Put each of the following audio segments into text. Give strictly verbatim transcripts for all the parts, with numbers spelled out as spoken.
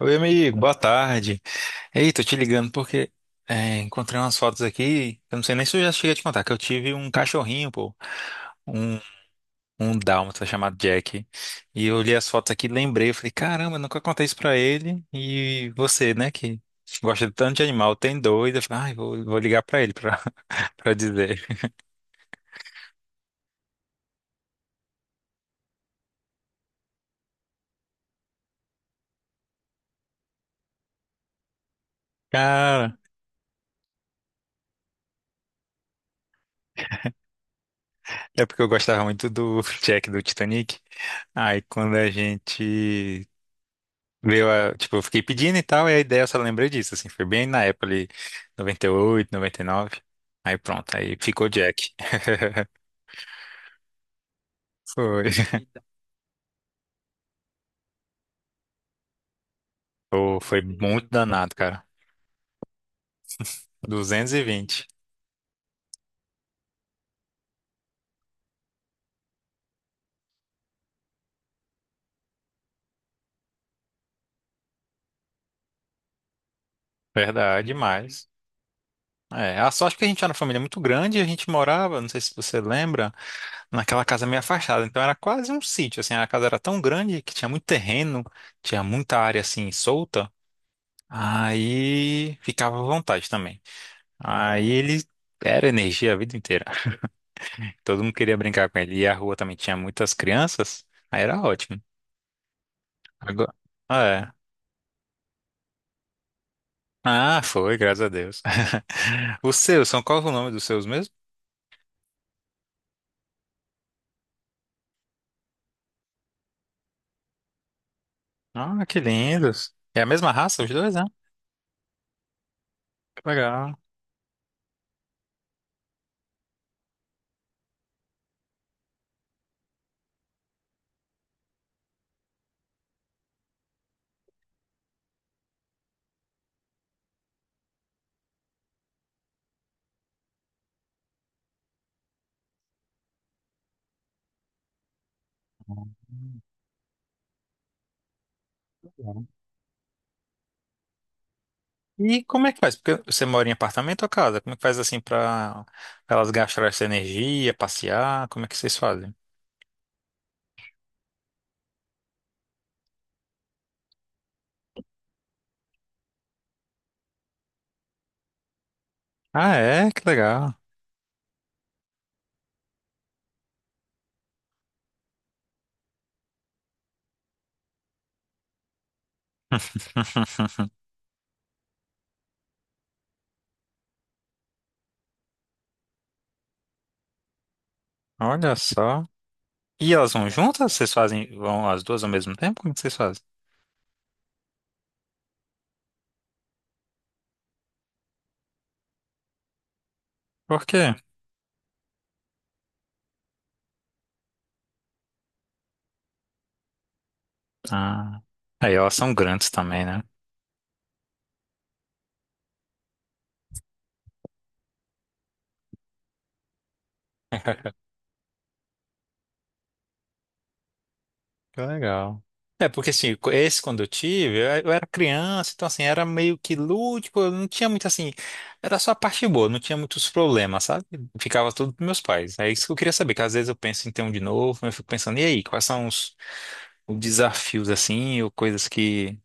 Oi, amigo, boa tarde. Ei, tô te ligando porque é, encontrei umas fotos aqui. Eu não sei nem se eu já cheguei a te contar, que eu tive um cachorrinho, pô, um, um dálmata chamado Jack. E eu olhei as fotos aqui, e lembrei, eu falei, caramba, eu nunca contei isso pra ele. E você, né, que gosta de tanto de animal, tem dois. Eu falei, ai, vou, vou ligar pra ele pra, pra dizer. Cara, é porque eu gostava muito do Jack do Titanic. Aí quando a gente Veio a, tipo, eu fiquei pedindo e tal, e a ideia eu só lembrei disso, assim, foi bem na época ali, noventa noventa e oito noventa e nove. Aí pronto, aí ficou Jack. Foi. Pô, foi muito danado, cara. Duzentos e vinte. Verdade, demais. É, a sorte que a gente era uma família muito grande, e a gente morava, não sei se você lembra, naquela casa meio afastada. Então era quase um sítio, assim, a casa era tão grande que tinha muito terreno, tinha muita área assim solta. Aí ficava à vontade também. Aí ele era energia a vida inteira. Todo mundo queria brincar com ele. E a rua também tinha muitas crianças. Aí era ótimo. Agora, é. Ah, foi, graças a Deus. Os seus, são qual o nome dos seus mesmo? Ah, que lindos. É a mesma raça, os dois, né? Que legal. Legal. E como é que faz? Porque você mora em apartamento ou casa? Como é que faz assim pra pra elas gastarem essa energia, passear? Como é que vocês fazem? Ah, é? Que legal. Olha só. E elas vão juntas? Vocês fazem, vão as duas ao mesmo tempo? Como que vocês fazem? Por quê? Ah, aí elas são grandes também, né? Que legal. É, porque assim, co- esse quando eu tive, eu eu era criança, então assim, era meio que lúdico, eu não tinha muito assim, era só a parte boa, não tinha muitos problemas, sabe? Ficava tudo pros meus pais. É isso que eu queria saber, que às vezes eu penso em ter um de novo, mas eu fico pensando, e aí, quais são os, os desafios assim, ou coisas que,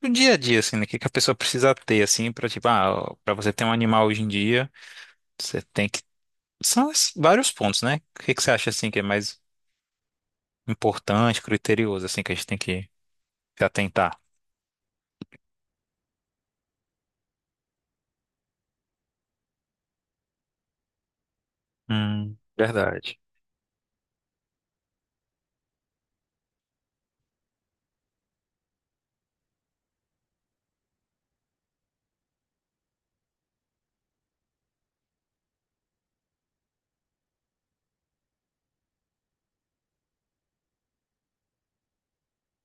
do dia a dia, assim, né, que que a pessoa precisa ter, assim, pra tipo, ah, pra você ter um animal hoje em dia. Você tem que. São es- vários pontos, né? O que que você acha assim que é mais importante, criterioso, assim, que a gente tem que se atentar? Hum, verdade.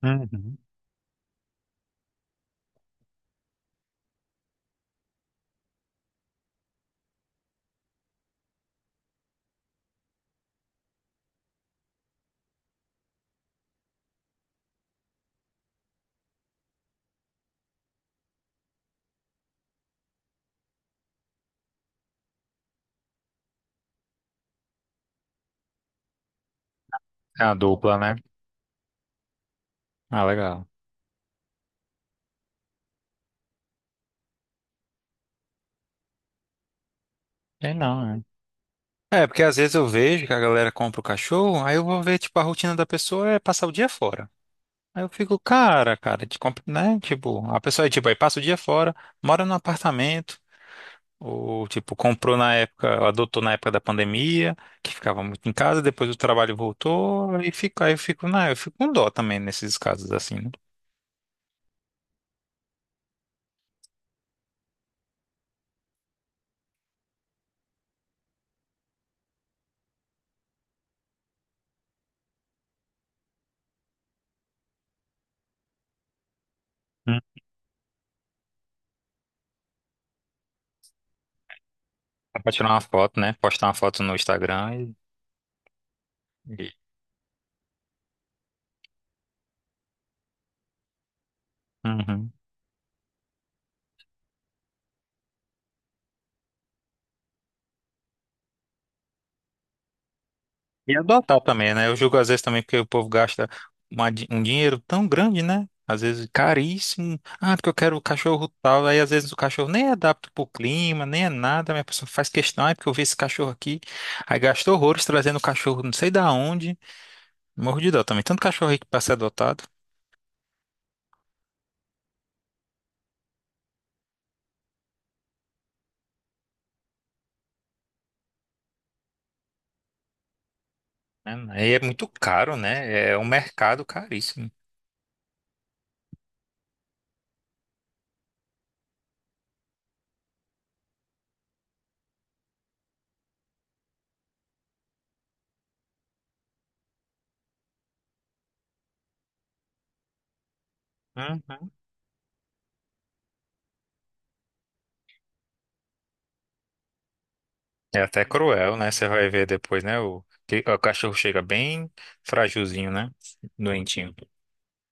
Uhum. É a dupla, né? Ah, legal. É não, né? É, porque às vezes eu vejo que a galera compra o cachorro, aí eu vou ver, tipo, a rotina da pessoa é passar o dia fora. Aí eu fico, cara, cara, te compra, né? Tipo, a pessoa é tipo, aí passa o dia fora, mora num apartamento. Ou, tipo, comprou na época, adotou na época da pandemia, que ficava muito em casa, depois o trabalho voltou, e fica, aí eu fico, não, eu fico com dó também nesses casos assim, né? Hum. Pra tirar uma foto, né? Postar uma foto no Instagram e. e- Uhum. E adotar também, né? Eu julgo às vezes também porque o povo gasta uma di- um dinheiro tão grande, né? Às vezes caríssimo. Ah, porque eu quero o cachorro tal. Aí às vezes o cachorro nem é adapta pro clima, nem é nada. Mas a pessoa faz questão, ah, porque eu vi esse cachorro aqui. Aí gastou horrores trazendo o cachorro não sei da onde. Morro de dó também. Tanto cachorro aí que pra ser adotado. Né? Aí é muito caro, né? É um mercado caríssimo. Uhum. É até cruel, né? Você vai ver depois, né? O, que- o cachorro chega bem fragilzinho, né? Doentinho.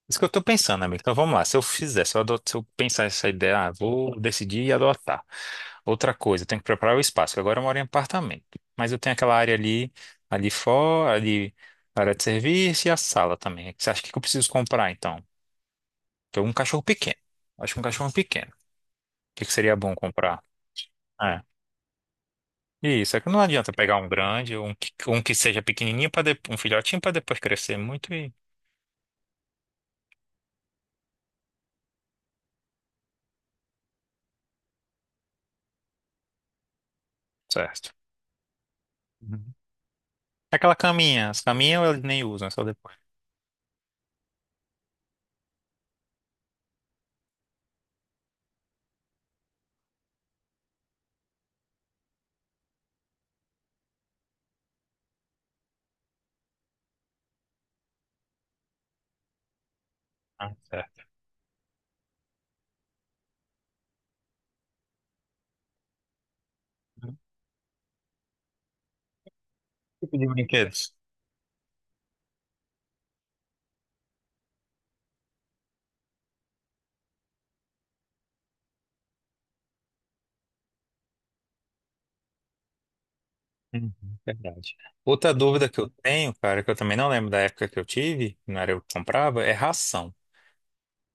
Isso que eu tô pensando, amigo. Então vamos lá. Se eu fizer, se eu, adot- se eu pensar essa ideia, ah, vou decidir e adotar. Outra coisa, eu tenho que preparar o espaço, que agora eu moro em apartamento. Mas eu tenho aquela área ali, ali fora, ali, a área de serviço e a sala também. Você acha que eu preciso comprar, então? Porque um cachorro pequeno. Eu acho que um cachorro pequeno. O que que seria bom comprar? É. Isso, é que não adianta pegar um grande, um que, um que seja pequenininho, para um filhotinho, para depois crescer muito e... Certo. Uhum. Aquela caminha, as caminhas eles nem usam, é só depois. Né? Tipo de brinquedos. Uhum, verdade. Outra dúvida que eu tenho, cara, que eu também não lembro da época que eu tive, que não era eu que comprava, é ração.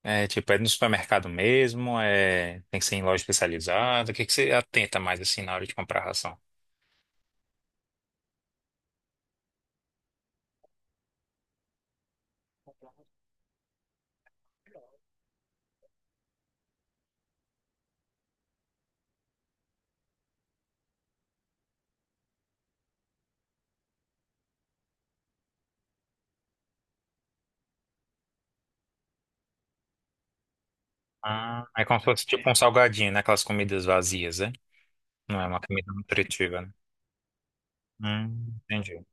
É tipo, é no supermercado mesmo, é... tem que ser em loja especializada. O que que você atenta mais assim na hora de comprar ração? Ah, é como se fosse tipo um salgadinho, né? Aquelas comidas vazias, né? Não é uma comida nutritiva, né? Hum, entendi,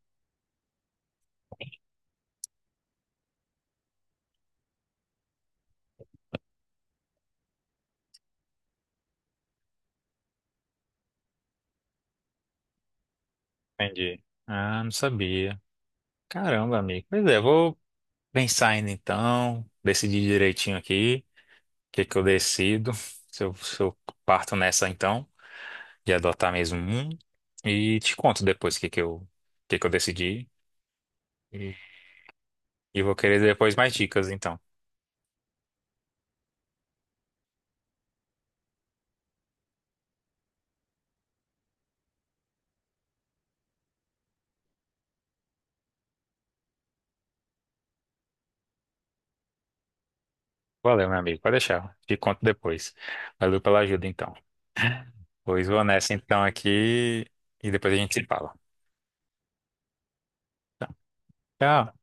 entendi. Ah, não sabia. Caramba, amigo. Pois é, vou pensar ainda então, decidir direitinho aqui. que que eu decido? Se eu, se eu parto nessa então, de adotar mesmo um, e te conto depois o que que eu, que que eu decidi. E, e vou querer depois mais dicas, então. Valeu, meu amigo. Pode deixar. Te conto depois. Valeu pela ajuda, então. Pois vou nessa então aqui e depois a gente se fala. Tchau.